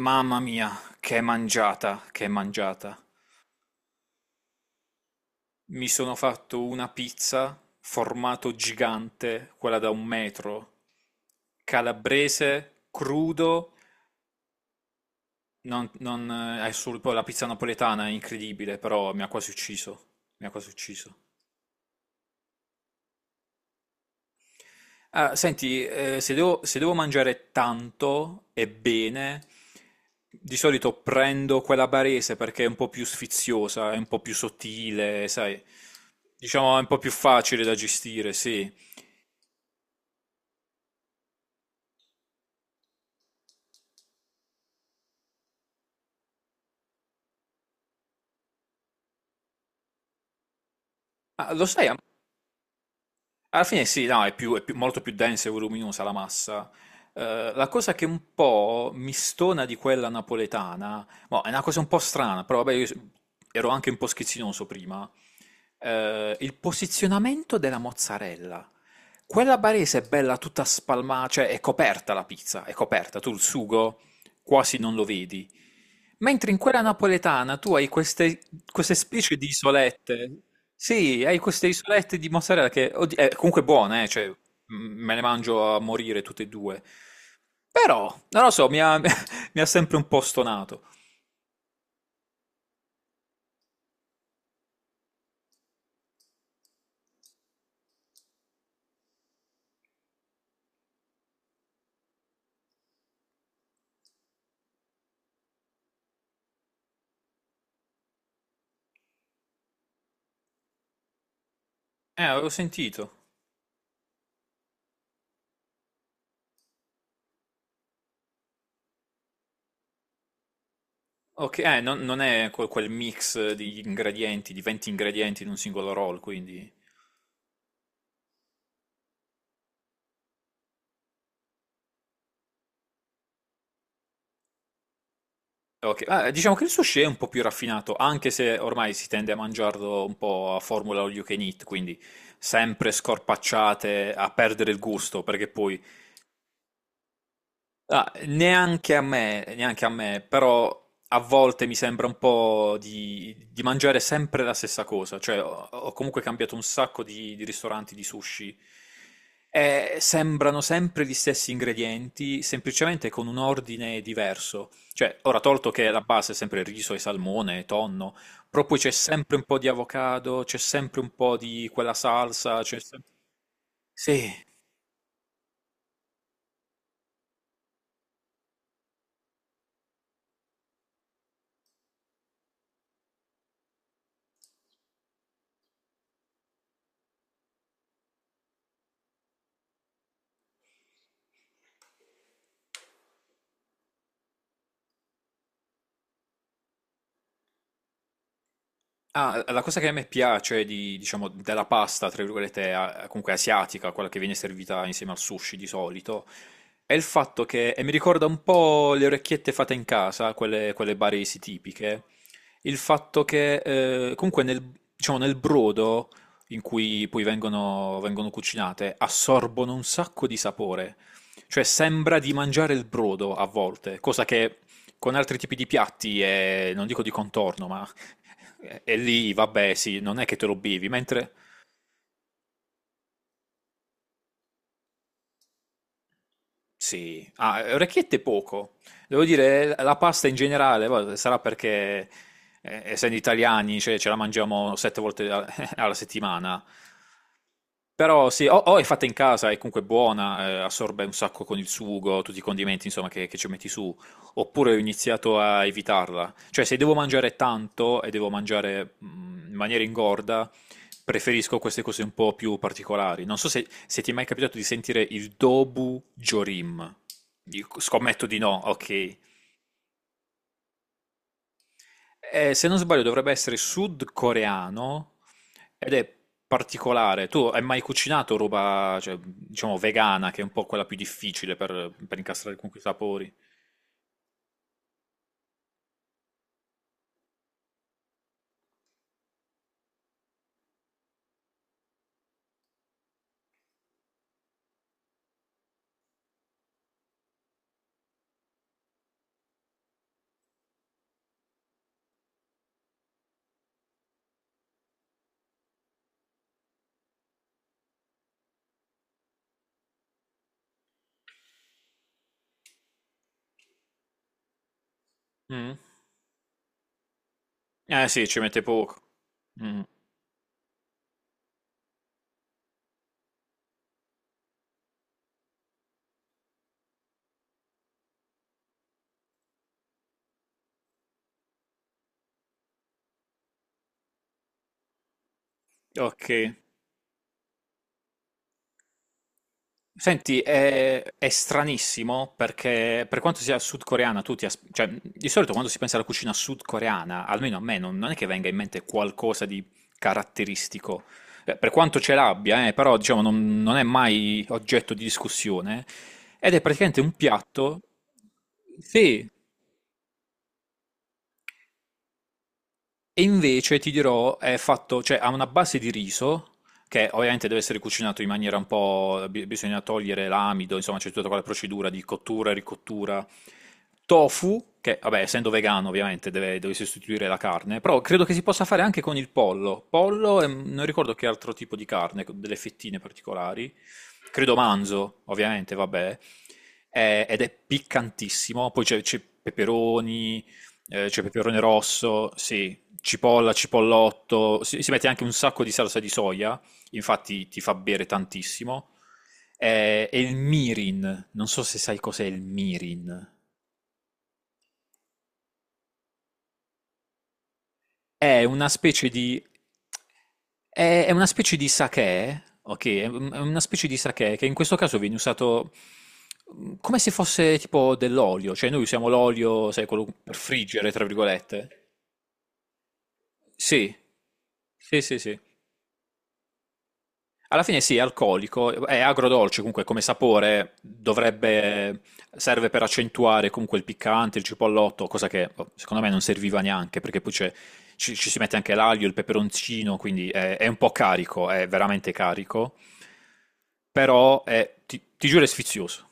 Mamma mia, che mangiata, che mangiata. Mi sono fatto una pizza, formato gigante, quella da un metro, calabrese, crudo, non è poi la pizza napoletana è incredibile, però mi ha quasi ucciso, mi ha quasi ucciso. Ah, senti, se devo mangiare tanto e bene, di solito prendo quella barese perché è un po' più sfiziosa, è un po' più sottile, sai, diciamo è un po' più facile da gestire, sì. Ah, lo sai, alla fine sì, no, è è molto più densa e voluminosa la massa. La cosa che un po' mi stona di quella napoletana, boh, è una cosa un po' strana, però vabbè, ero anche un po' schizzinoso prima, il posizionamento della mozzarella. Quella barese è bella tutta spalmata, cioè è coperta la pizza, è coperta, tu il sugo quasi non lo vedi. Mentre in quella napoletana tu hai queste specie di isolette. Sì, hai queste isolette di mozzarella che comunque buone, eh, me le mangio a morire tutte e due. Però, non lo so, mi ha sempre un po' stonato. Avevo sentito. Ok, non è quel mix di ingredienti, di 20 ingredienti in un singolo roll, quindi... Ok, ah, diciamo che il sushi è un po' più raffinato, anche se ormai si tende a mangiarlo un po' a formula all you can eat, quindi sempre scorpacciate, a perdere il gusto, perché poi ah, neanche a me, però a volte mi sembra un po' di mangiare sempre la stessa cosa, cioè ho comunque cambiato un sacco di ristoranti di sushi e sembrano sempre gli stessi ingredienti, semplicemente con un ordine diverso. Cioè, ora tolto che la base è sempre riso e salmone, e tonno, però poi c'è sempre un po' di avocado, c'è sempre un po' di quella salsa, c'è sempre... Sì, ah, la cosa che a me piace di, diciamo, della pasta, tra virgolette, comunque asiatica, quella che viene servita insieme al sushi di solito, è il fatto che, e mi ricorda un po' le orecchiette fatte in casa, quelle baresi tipiche, il fatto che comunque nel, diciamo, nel brodo in cui poi vengono cucinate assorbono un sacco di sapore, cioè sembra di mangiare il brodo a volte, cosa che con altri tipi di piatti è, non dico di contorno, ma e lì, vabbè, sì, non è che te lo bevi, mentre... Sì, ah, orecchiette poco. Devo dire, la pasta in generale, sarà perché, essendo italiani, cioè, ce la mangiamo sette volte alla settimana. Però sì, o è fatta in casa, è comunque buona, assorbe un sacco con il sugo, tutti i condimenti, insomma, che ci metti su. Oppure ho iniziato a evitarla. Cioè, se devo mangiare tanto e devo mangiare in maniera ingorda, preferisco queste cose un po' più particolari. Non so se ti è mai capitato di sentire il Dobu Jorim. Io scommetto di no, ok. Se non sbaglio dovrebbe essere sudcoreano ed è particolare. Tu hai mai cucinato roba, cioè, diciamo, vegana, che è un po' quella più difficile per incastrare comunque i sapori? Mm. Eh sì, ci mette poco. Mm. Ok. Senti, è stranissimo perché per quanto sia sudcoreana, cioè, di solito quando si pensa alla cucina sudcoreana, almeno a me, non è che venga in mente qualcosa di caratteristico. Per quanto ce l'abbia, però diciamo non è mai oggetto di discussione. Ed è praticamente un piatto. Sì, e invece ti dirò, è fatto, cioè ha una base di riso che ovviamente deve essere cucinato in maniera un po', bisogna togliere l'amido, insomma c'è tutta quella procedura di cottura e ricottura. Tofu, che vabbè, essendo vegano ovviamente deve sostituire la carne, però credo che si possa fare anche con il pollo. Pollo e non ricordo che altro tipo di carne, con delle fettine particolari. Credo manzo, ovviamente, vabbè. Ed è piccantissimo, poi c'è peperoni, c'è peperone rosso, sì, cipolla, cipollotto, si mette anche un sacco di salsa di soia, infatti ti fa bere tantissimo. E il mirin, non so se sai cos'è il mirin. È una specie di è una specie di sake, ok? È una specie di sake che in questo caso viene usato come se fosse tipo dell'olio, cioè noi usiamo l'olio, sai, quello per friggere, tra virgolette. Sì, sì, sì, sì. Alla fine sì, è alcolico, è agrodolce comunque come sapore, dovrebbe, serve per accentuare comunque il piccante, il cipollotto, cosa che boh, secondo me non serviva neanche, perché ci, ci si mette anche l'aglio, il peperoncino, quindi è un po' carico, è veramente carico, però ti giuro è sfizioso.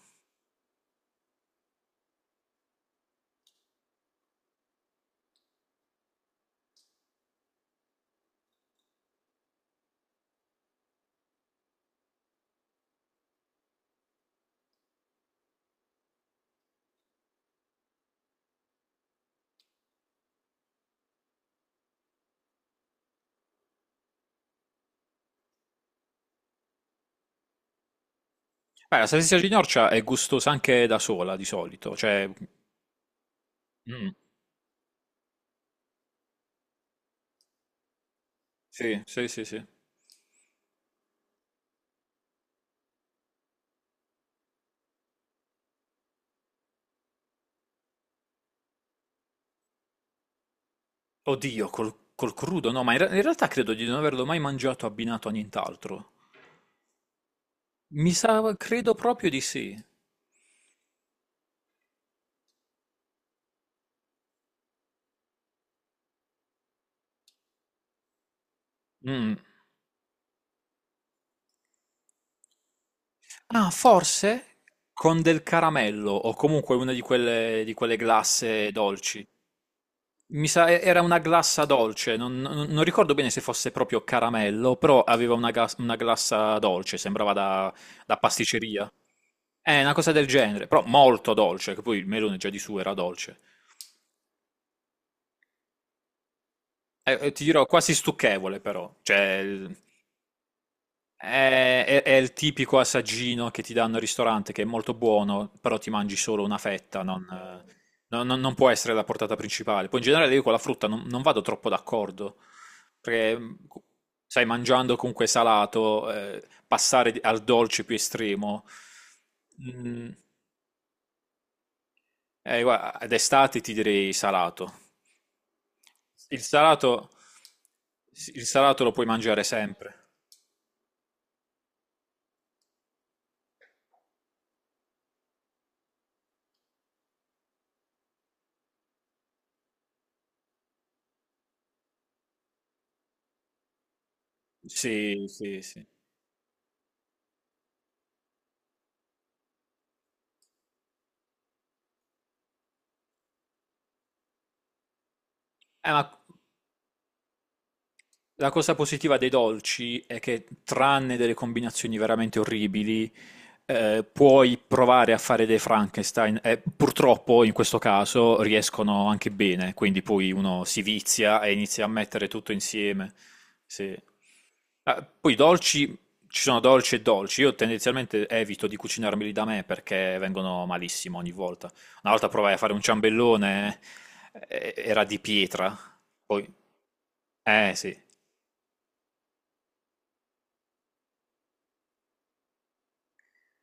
Beh, la salsiccia di Norcia è gustosa anche da sola di solito, cioè... mm, sì, sì, sì, sì. Oddio, col crudo, no, ma in realtà credo di non averlo mai mangiato abbinato a nient'altro. Mi sa, credo proprio di sì. Mm. Ah, forse con del caramello o comunque una di quelle glasse dolci. Mi sa, era una glassa dolce, non ricordo bene se fosse proprio caramello, però aveva una glassa dolce, sembrava da pasticceria. È una cosa del genere, però molto dolce, che poi il melone già di su era dolce. Ti dirò, quasi stucchevole però, è, è il tipico assaggino che ti danno al ristorante, che è molto buono, però ti mangi solo una fetta, non può essere la portata principale. Poi in generale io con la frutta non vado troppo d'accordo, perché sai, mangiando comunque salato, passare al dolce più estremo, mm, guarda, ad estate ti direi salato. Il salato, il salato lo puoi mangiare sempre. Sì, sì, sì. Eh, ma la cosa positiva dei dolci è che, tranne delle combinazioni veramente orribili, puoi provare a fare dei Frankenstein e purtroppo in questo caso riescono anche bene, quindi poi uno si vizia e inizia a mettere tutto insieme. Sì. Ah, poi i dolci, ci sono dolci e dolci, io tendenzialmente evito di cucinarmeli da me perché vengono malissimo ogni volta. Una volta provai a fare un ciambellone, era di pietra, poi... Eh sì.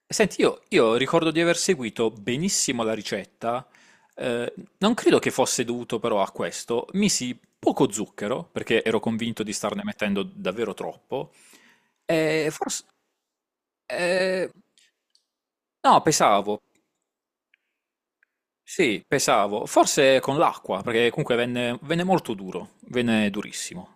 Senti, io ricordo di aver seguito benissimo la ricetta, non credo che fosse dovuto però a questo, misi poco zucchero, perché ero convinto di starne mettendo davvero troppo, e forse... eh, no, pesavo, sì, pesavo, forse con l'acqua, perché comunque venne molto duro, venne durissimo.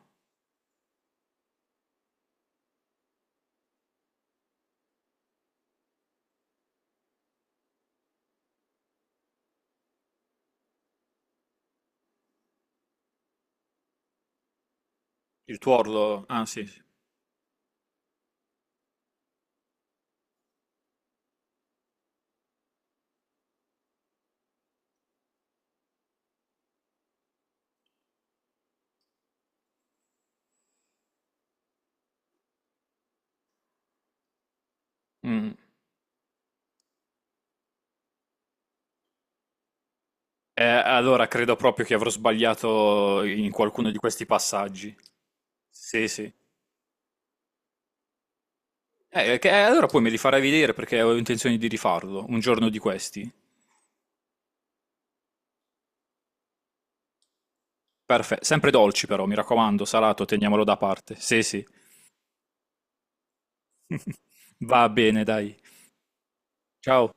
Il tuorlo, ah sì, sì. Mm. Allora credo proprio che avrò sbagliato in qualcuno di questi passaggi. Sì, sì. Allora poi me li farai vedere perché ho intenzione di rifarlo un giorno di questi. Perfetto. Sempre dolci però, mi raccomando, salato, teniamolo da parte. Sì, sì. Va bene, dai. Ciao.